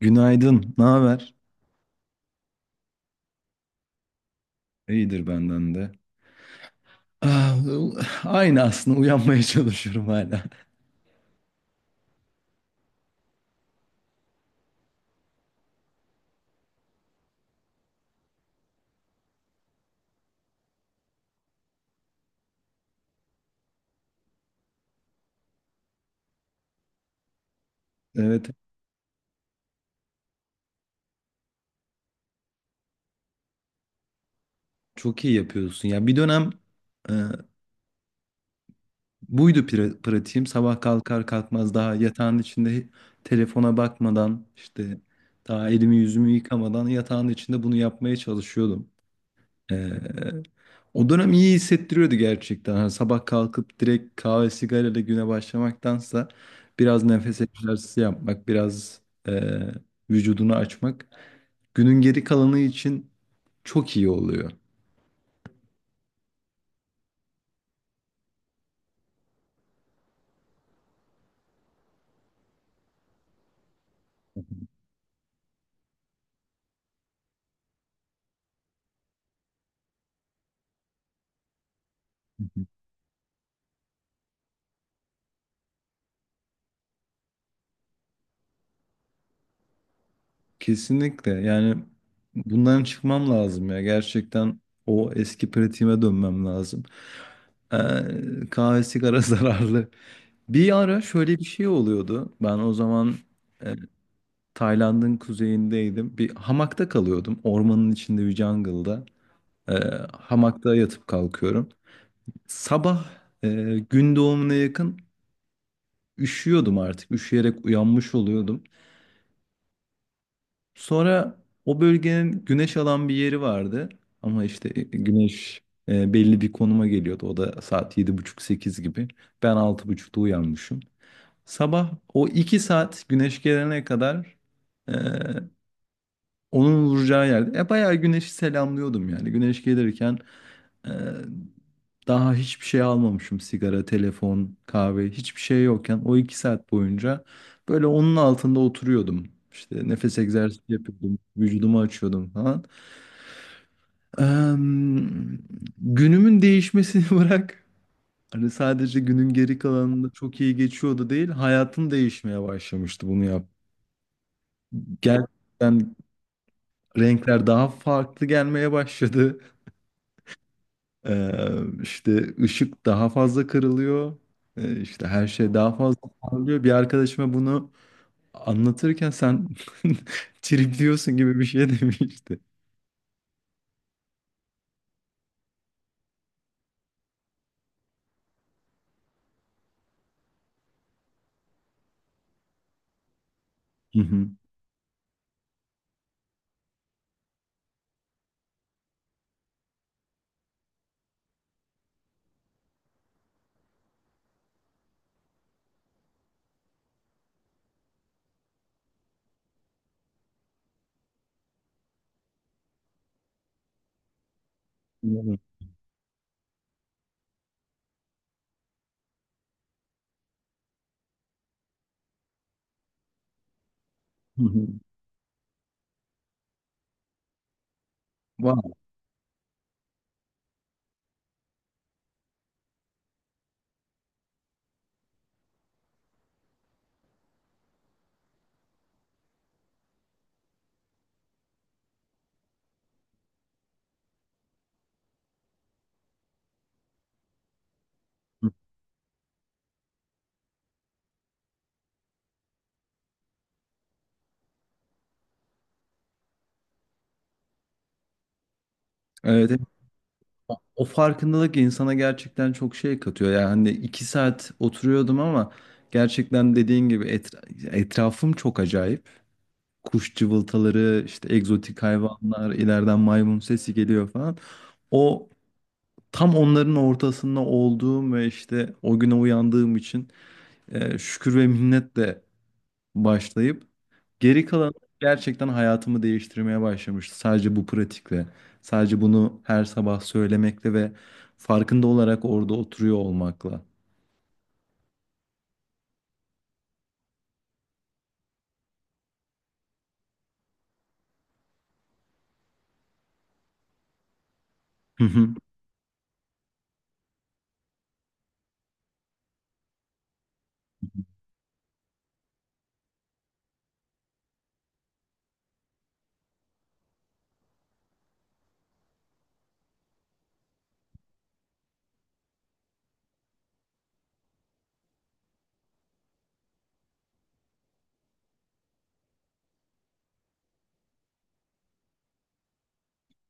Günaydın, ne haber? İyidir benden de. Ah, aynı aslında uyanmaya çalışıyorum hala. Evet, çok iyi yapıyorsun. Ya bir dönem e, buydu pratiğim. Sabah kalkar kalkmaz daha yatağın içinde telefona bakmadan işte daha elimi yüzümü yıkamadan yatağın içinde bunu yapmaya çalışıyordum. Ee, O dönem iyi hissettiriyordu gerçekten. Hani sabah kalkıp direkt kahve sigarayla güne başlamaktansa biraz nefes egzersizi yapmak, biraz e, vücudunu açmak günün geri kalanı için çok iyi oluyor. Kesinlikle. Yani bundan çıkmam lazım ya. Gerçekten o eski pratiğime dönmem lazım. Ee, kahve sigara zararlı. Bir ara şöyle bir şey oluyordu. Ben o zaman e, Tayland'ın kuzeyindeydim. Bir hamakta kalıyordum. Ormanın içinde bir jungle'da. Ee, hamakta yatıp kalkıyorum. Sabah e, gün doğumuna yakın üşüyordum artık. Üşüyerek uyanmış oluyordum. Sonra o bölgenin güneş alan bir yeri vardı. Ama işte güneş belli bir konuma geliyordu. O da saat yedi buçuk sekiz gibi. Ben altı buçukta uyanmışım. Sabah o 2 saat güneş gelene kadar e, onun vuracağı yerde. E bayağı güneşi selamlıyordum yani. Güneş gelirken e, daha hiçbir şey almamışım. Sigara, telefon, kahve hiçbir şey yokken o iki saat boyunca böyle onun altında oturuyordum. İşte nefes egzersizi yapıyordum. Vücudumu açıyordum falan. Em, günümün değişmesini bırak. Hani sadece günün geri kalanında çok iyi geçiyordu değil. Hayatım değişmeye başlamıştı bunu yap. Gerçekten renkler daha farklı gelmeye başladı. Ee, işte ışık daha fazla kırılıyor. İşte her şey daha fazla parlıyor. Bir arkadaşıma bunu anlatırken sen tripliyorsun gibi bir şey demişti. Hı hı. Hı hı. Wow. Evet, evet. O farkındalık insana gerçekten çok şey katıyor. Yani hani iki saat oturuyordum ama gerçekten dediğin gibi etrafım çok acayip. Kuş cıvıltaları, işte egzotik hayvanlar, ileriden maymun sesi geliyor falan. O tam onların ortasında olduğum ve işte o güne uyandığım için şükür ve minnetle başlayıp geri kalan gerçekten hayatımı değiştirmeye başlamıştı. Sadece bu pratikle, sadece bunu her sabah söylemekle ve farkında olarak orada oturuyor olmakla. Hı hı.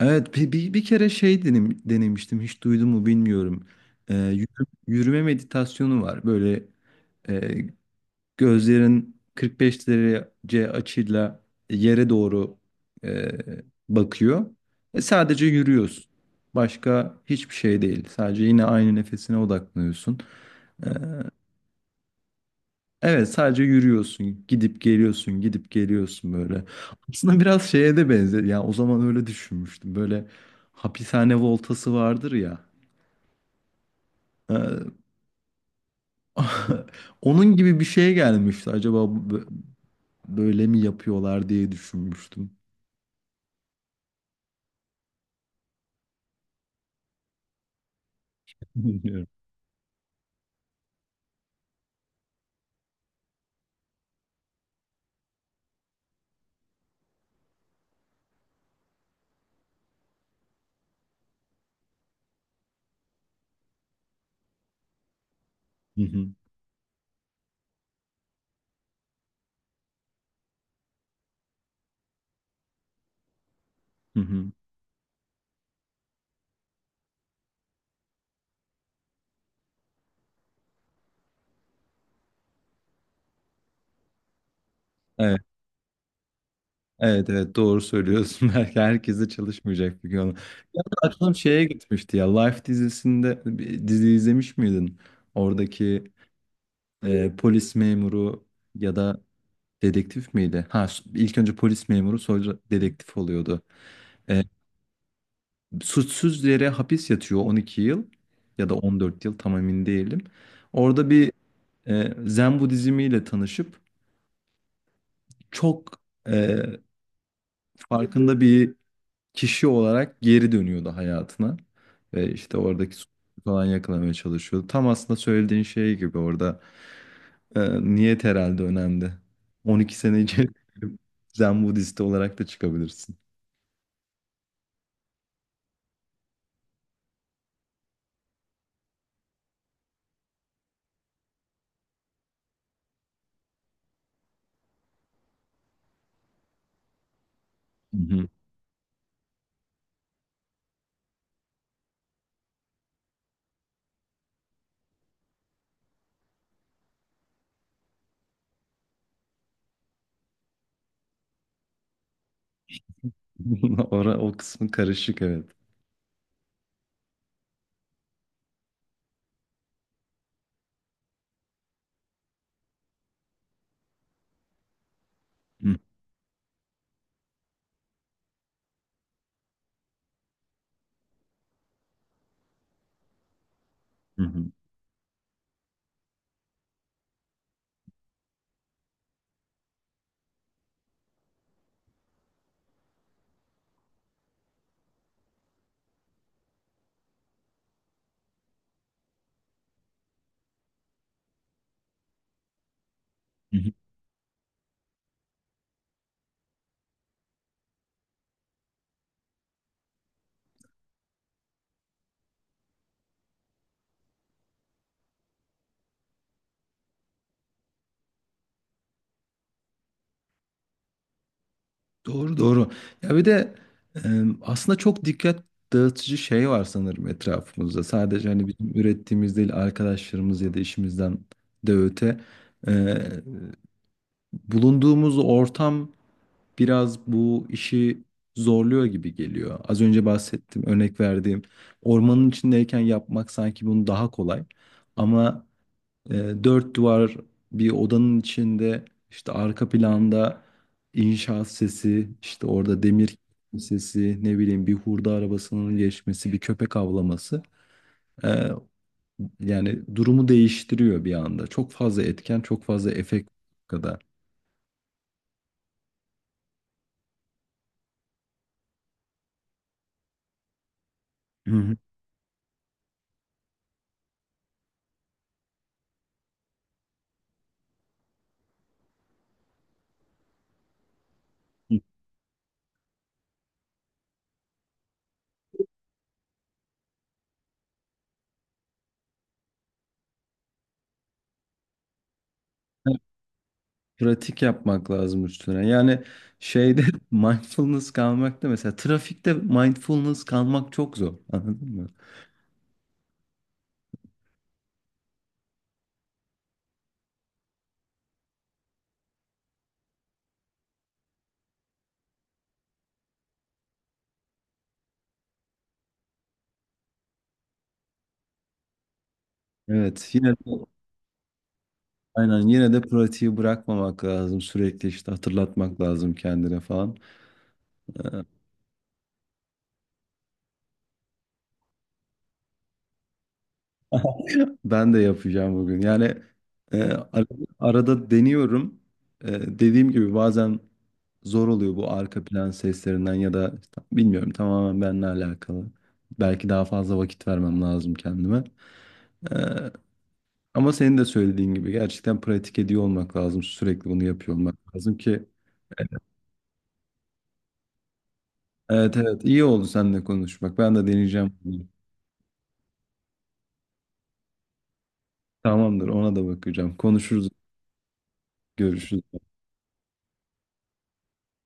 Evet bir kere şey denemiştim, hiç duydun mu bilmiyorum. E, yürüme meditasyonu var böyle. e, Gözlerin 45 derece açıyla yere doğru e, bakıyor. E, sadece yürüyorsun. Başka hiçbir şey değil. Sadece yine aynı nefesine odaklanıyorsun. E, evet sadece yürüyorsun. Gidip geliyorsun, gidip geliyorsun böyle. Aslında biraz şeye de benzer. Ya o zaman öyle düşünmüştüm. Böyle hapishane voltası vardır ya. E, onun gibi bir şeye gelmişti. Acaba böyle mi yapıyorlar diye düşünmüştüm. Hı hı, hı hı. Evet, evet, evet doğru söylüyorsun. Belki herkes de çalışmayacak bir gün. Ya da aklım şeye gitmişti ya. Life dizisinde bir dizi izlemiş miydin? Oradaki polis memuru ya da dedektif miydi? Ha, ilk önce polis memuru sonra dedektif oluyordu. E, suçsuz yere hapis yatıyor 12 yıl ya da 14 yıl tam emin değilim. Orada bir Zen Budizmi ile tanışıp çok e, farkında bir kişi olarak geri dönüyordu hayatına. Ve işte oradaki suçu falan yakalamaya çalışıyordu. Tam aslında söylediğin şey gibi orada e, niyet herhalde önemli. 12 sene içerisinde Zen Budist olarak da çıkabilirsin. Hı hı. Ora, o kısmı karışık evet. Hı hı hı. Hı hı. Doğru doğru. Ya bir de e, aslında çok dikkat dağıtıcı şey var sanırım etrafımızda. Sadece hani bizim ürettiğimiz değil, arkadaşlarımız ya da işimizden de öte bulunduğumuz ortam biraz bu işi zorluyor gibi geliyor. Az önce bahsettim, örnek verdiğim ormanın içindeyken yapmak sanki bunu daha kolay. Ama e, dört duvar bir odanın içinde işte arka planda inşaat sesi, işte orada demir sesi, ne bileyim bir hurda arabasının geçmesi, bir köpek avlaması. e, yani durumu değiştiriyor bir anda. Çok fazla etken, çok fazla efekt kadar. Hı hı. Pratik yapmak lazım üstüne. Yani şeyde mindfulness kalmakta, mesela trafikte mindfulness kalmak çok zor. Anladın mı? Evet yine de aynen, yine de pratiği bırakmamak lazım. Sürekli işte hatırlatmak lazım kendine falan. Ee, ben de yapacağım bugün. Yani e, ar- arada deniyorum. E, dediğim gibi bazen zor oluyor bu arka plan seslerinden ya da işte bilmiyorum, tamamen benimle alakalı. Belki daha fazla vakit vermem lazım kendime. Ee, ama senin de söylediğin gibi gerçekten pratik ediyor olmak lazım. Sürekli bunu yapıyor olmak lazım ki. Evet evet, iyi oldu seninle konuşmak. Ben de deneyeceğim bunu. Tamamdır, ona da bakacağım. Konuşuruz, görüşürüz.